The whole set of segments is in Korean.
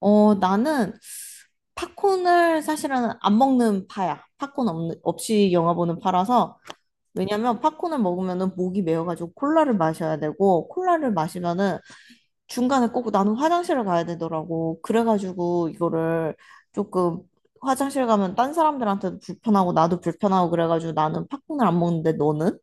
나는 팝콘을 사실은 안 먹는 파야. 팝콘 없이 영화 보는 파라서. 왜냐면 팝콘을 먹으면은 목이 메어가지고 콜라를 마셔야 되고, 콜라를 마시면은 중간에 꼭 나는 화장실을 가야 되더라고. 그래가지고 이거를 조금 화장실 가면 딴 사람들한테도 불편하고 나도 불편하고 그래가지고 나는 팝콘을 안 먹는데 너는?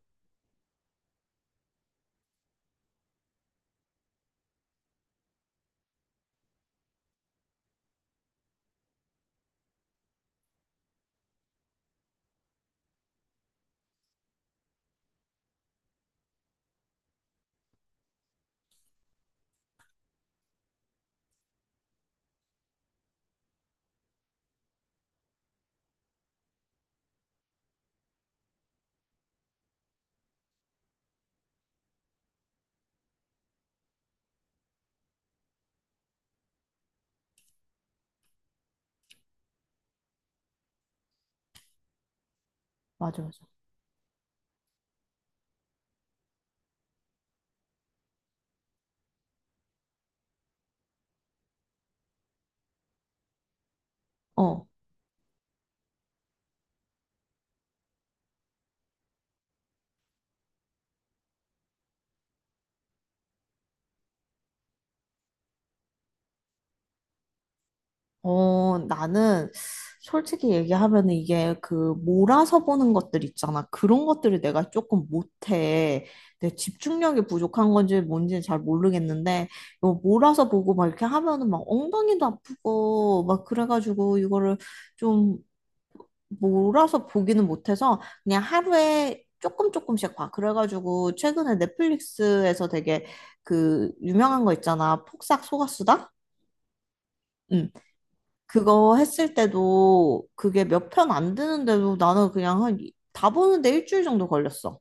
맞아, 맞아. 나는 솔직히 얘기하면 이게 그 몰아서 보는 것들 있잖아. 그런 것들을 내가 조금 못해. 내 집중력이 부족한 건지 뭔지는 잘 모르겠는데, 이거 몰아서 보고 막 이렇게 하면은 막 엉덩이도 아프고 막 그래가지고 이거를 좀 몰아서 보기는 못해서 그냥 하루에 조금 조금씩 봐. 그래가지고 최근에 넷플릭스에서 되게 그 유명한 거 있잖아. 폭삭 속았수다? 응. 그거 했을 때도 그게 몇 편 안 되는데도 나는 그냥 다 보는데 1주일 정도 걸렸어.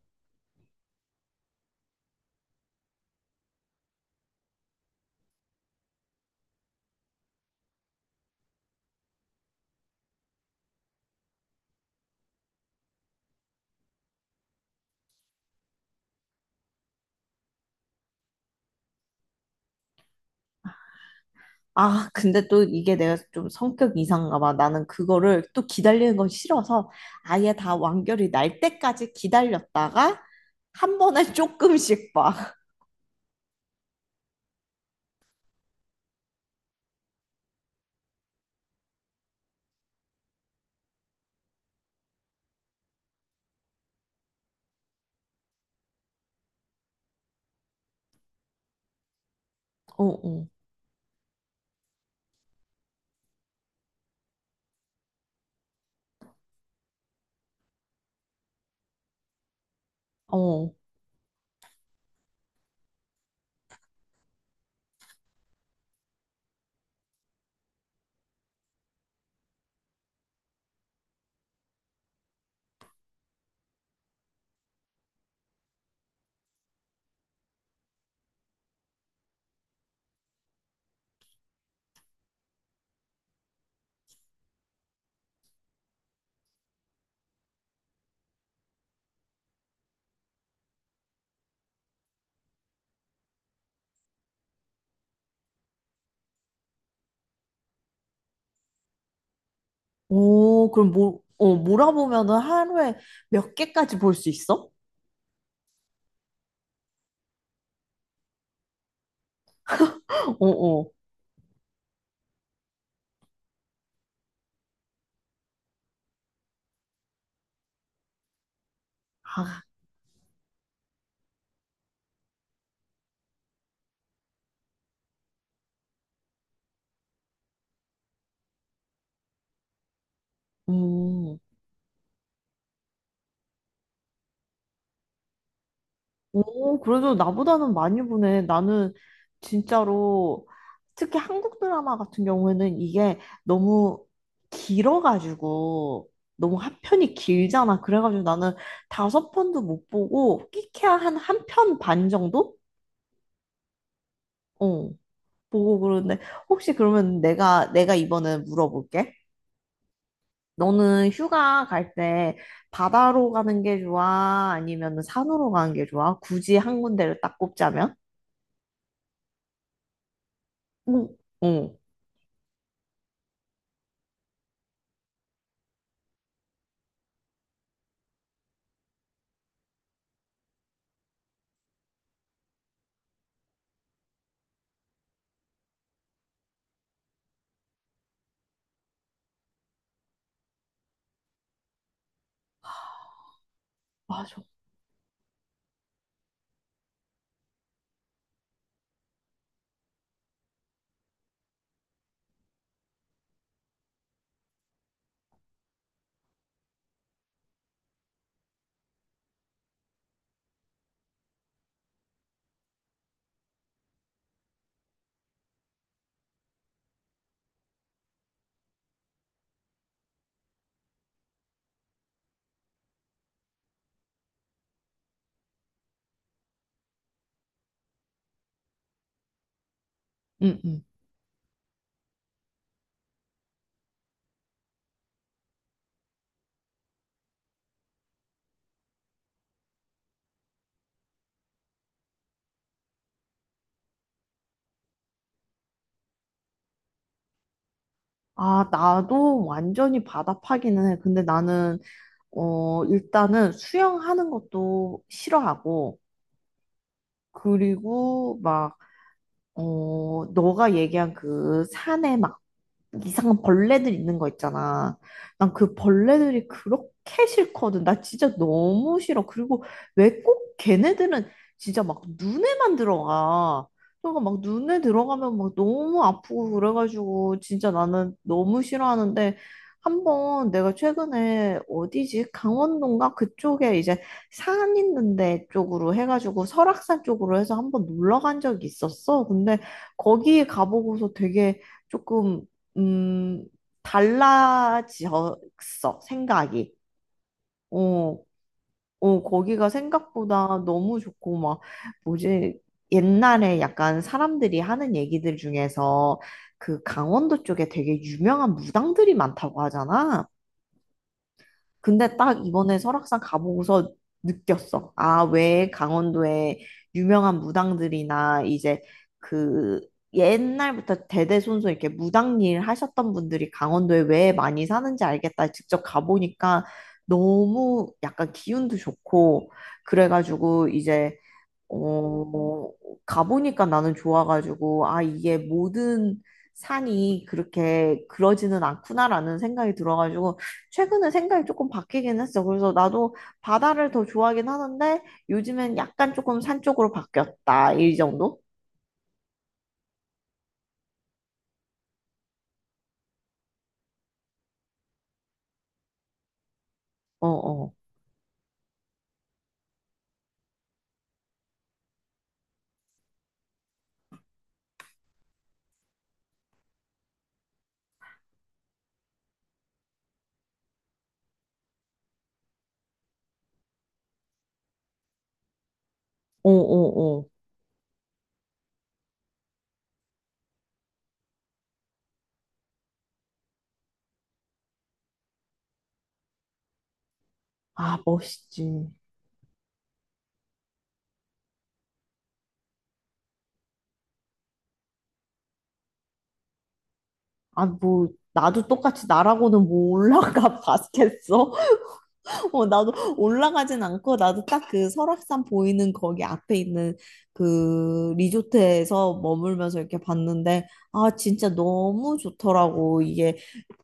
아, 근데 또 이게 내가 좀 성격 이상인가 봐. 나는 그거를 또 기다리는 건 싫어서 아예 다 완결이 날 때까지 기다렸다가 한 번에 조금씩 봐. 어, 어, 어. 오, 그럼, 몰아보면은 하루에 몇 개까지 볼 수 있어? 어, 어. 아, 음. 오, 그래도 나보다는 많이 보네. 나는 진짜로 특히 한국 드라마 같은 경우에는 이게 너무 길어가지고 너무 한 편이 길잖아. 그래가지고 나는 다섯 편도 못 보고 끼케야 한 편 반 정도? 어, 보고 그러는데 혹시 그러면 내가 이번에 물어볼게. 너는 휴가 갈 때 바다로 가는 게 좋아? 아니면 산으로 가는 게 좋아? 굳이 한 군데를 딱 꼽자면? 응, 응, 맞아. 응, 응. 아, 나도 완전히 바다파기는 해. 근데 일단은 수영하는 것도 싫어하고, 그리고 너가 얘기한 그 산에 막 이상한 벌레들 있는 거 있잖아. 난 그 벌레들이 그렇게 싫거든. 나 진짜 너무 싫어. 그리고 왜 꼭 걔네들은 진짜 막 눈에만 들어가. 그러니까 막 눈에 들어가면 막 너무 아프고 그래가지고 진짜 나는 너무 싫어하는데 한번 내가 최근에 어디지? 강원도인가? 그쪽에 이제 산 있는데 쪽으로 해가지고 설악산 쪽으로 해서 한번 놀러 간 적이 있었어. 근데 거기 가보고서 되게 조금 음, 달라졌어, 생각이. 어, 거기가 생각보다 너무 좋고, 뭐지, 옛날에 약간 사람들이 하는 얘기들 중에서 그 강원도 쪽에 되게 유명한 무당들이 많다고 하잖아. 근데 딱 이번에 설악산 가보고서 느꼈어. 아, 왜 강원도에 유명한 무당들이나 이제 그 옛날부터 대대손손 이렇게 무당 일 하셨던 분들이 강원도에 왜 많이 사는지 알겠다. 직접 가보니까 너무 약간 기운도 좋고 그래가지고 이제 어, 가보니까 나는 좋아가지고, 아, 이게 모든 산이 그렇게 그러지는 않구나라는 생각이 들어가지고, 최근에 생각이 조금 바뀌긴 했어. 그래서 나도 바다를 더 좋아하긴 하는데, 요즘엔 약간 조금 산 쪽으로 바뀌었다. 이 정도? 어, 어, 어, 어, 어. 아, 멋있지. 아, 뭐, 나도 똑같이 나라고는 뭐 올라가 봤겠어? 나도 올라가진 않고 나도 딱 그 설악산 보이는 거기 앞에 있는 그 리조트에서 머물면서 이렇게 봤는데 아 진짜 너무 좋더라고 이게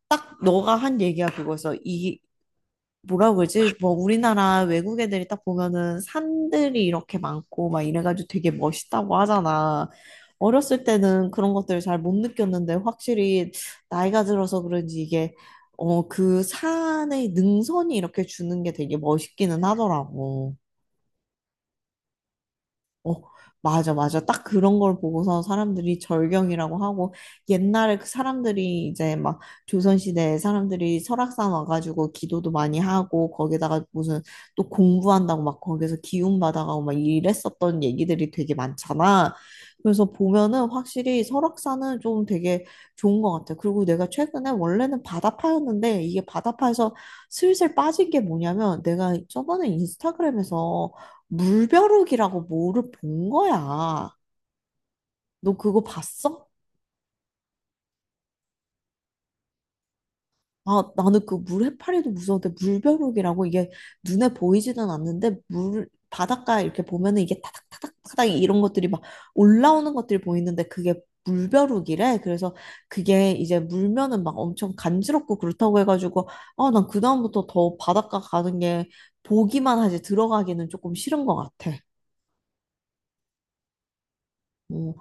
딱 너가 한 얘기가 그거였어 이 뭐라 고 그러지? 뭐 우리나라 외국 애들이 딱 보면은 산들이 이렇게 많고 막 이래가지고 되게 멋있다고 하잖아. 어렸을 때는 그런 것들을 잘 못 느꼈는데 확실히 나이가 들어서 그런지 이게 그 산의 능선이 이렇게 주는 게 되게 멋있기는 하더라고. 어, 맞아, 맞아. 딱 그런 걸 보고서 사람들이 절경이라고 하고, 옛날에 그 사람들이 이제 막 조선시대에 사람들이 설악산 와가지고 기도도 많이 하고, 거기다가 무슨 또 공부한다고 막 거기서 기운 받아가고 막 이랬었던 얘기들이 되게 많잖아. 그래서 보면은 확실히 설악산은 좀 되게 좋은 것 같아. 그리고 내가 최근에 원래는 바다파였는데, 이게 바다파에서 슬슬 빠진 게 뭐냐면, 내가 저번에 인스타그램에서 물벼룩이라고 뭐를 본 거야. 너 그거 봤어? 아, 나는 그 물 해파리도 무서운데 물벼룩이라고 이게 눈에 보이지는 않는데 물 바닷가 이렇게 보면은 이게 타닥타닥타닥 이런 것들이 막 올라오는 것들이 보이는데 그게 물벼룩이래. 그래서 그게 이제 물면은 막 엄청 간지럽고 그렇다고 해가지고 아, 난 그다음부터 더 바닷가 가는 게 보기만 하지 들어가기는 조금 싫은 것 같아. 어,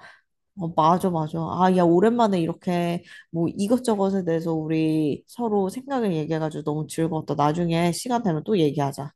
어, 맞아, 맞아. 아, 야, 오랜만에 이렇게 뭐 이것저것에 대해서 우리 서로 생각을 얘기해가지고 너무 즐거웠다. 나중에 시간 되면 또 얘기하자.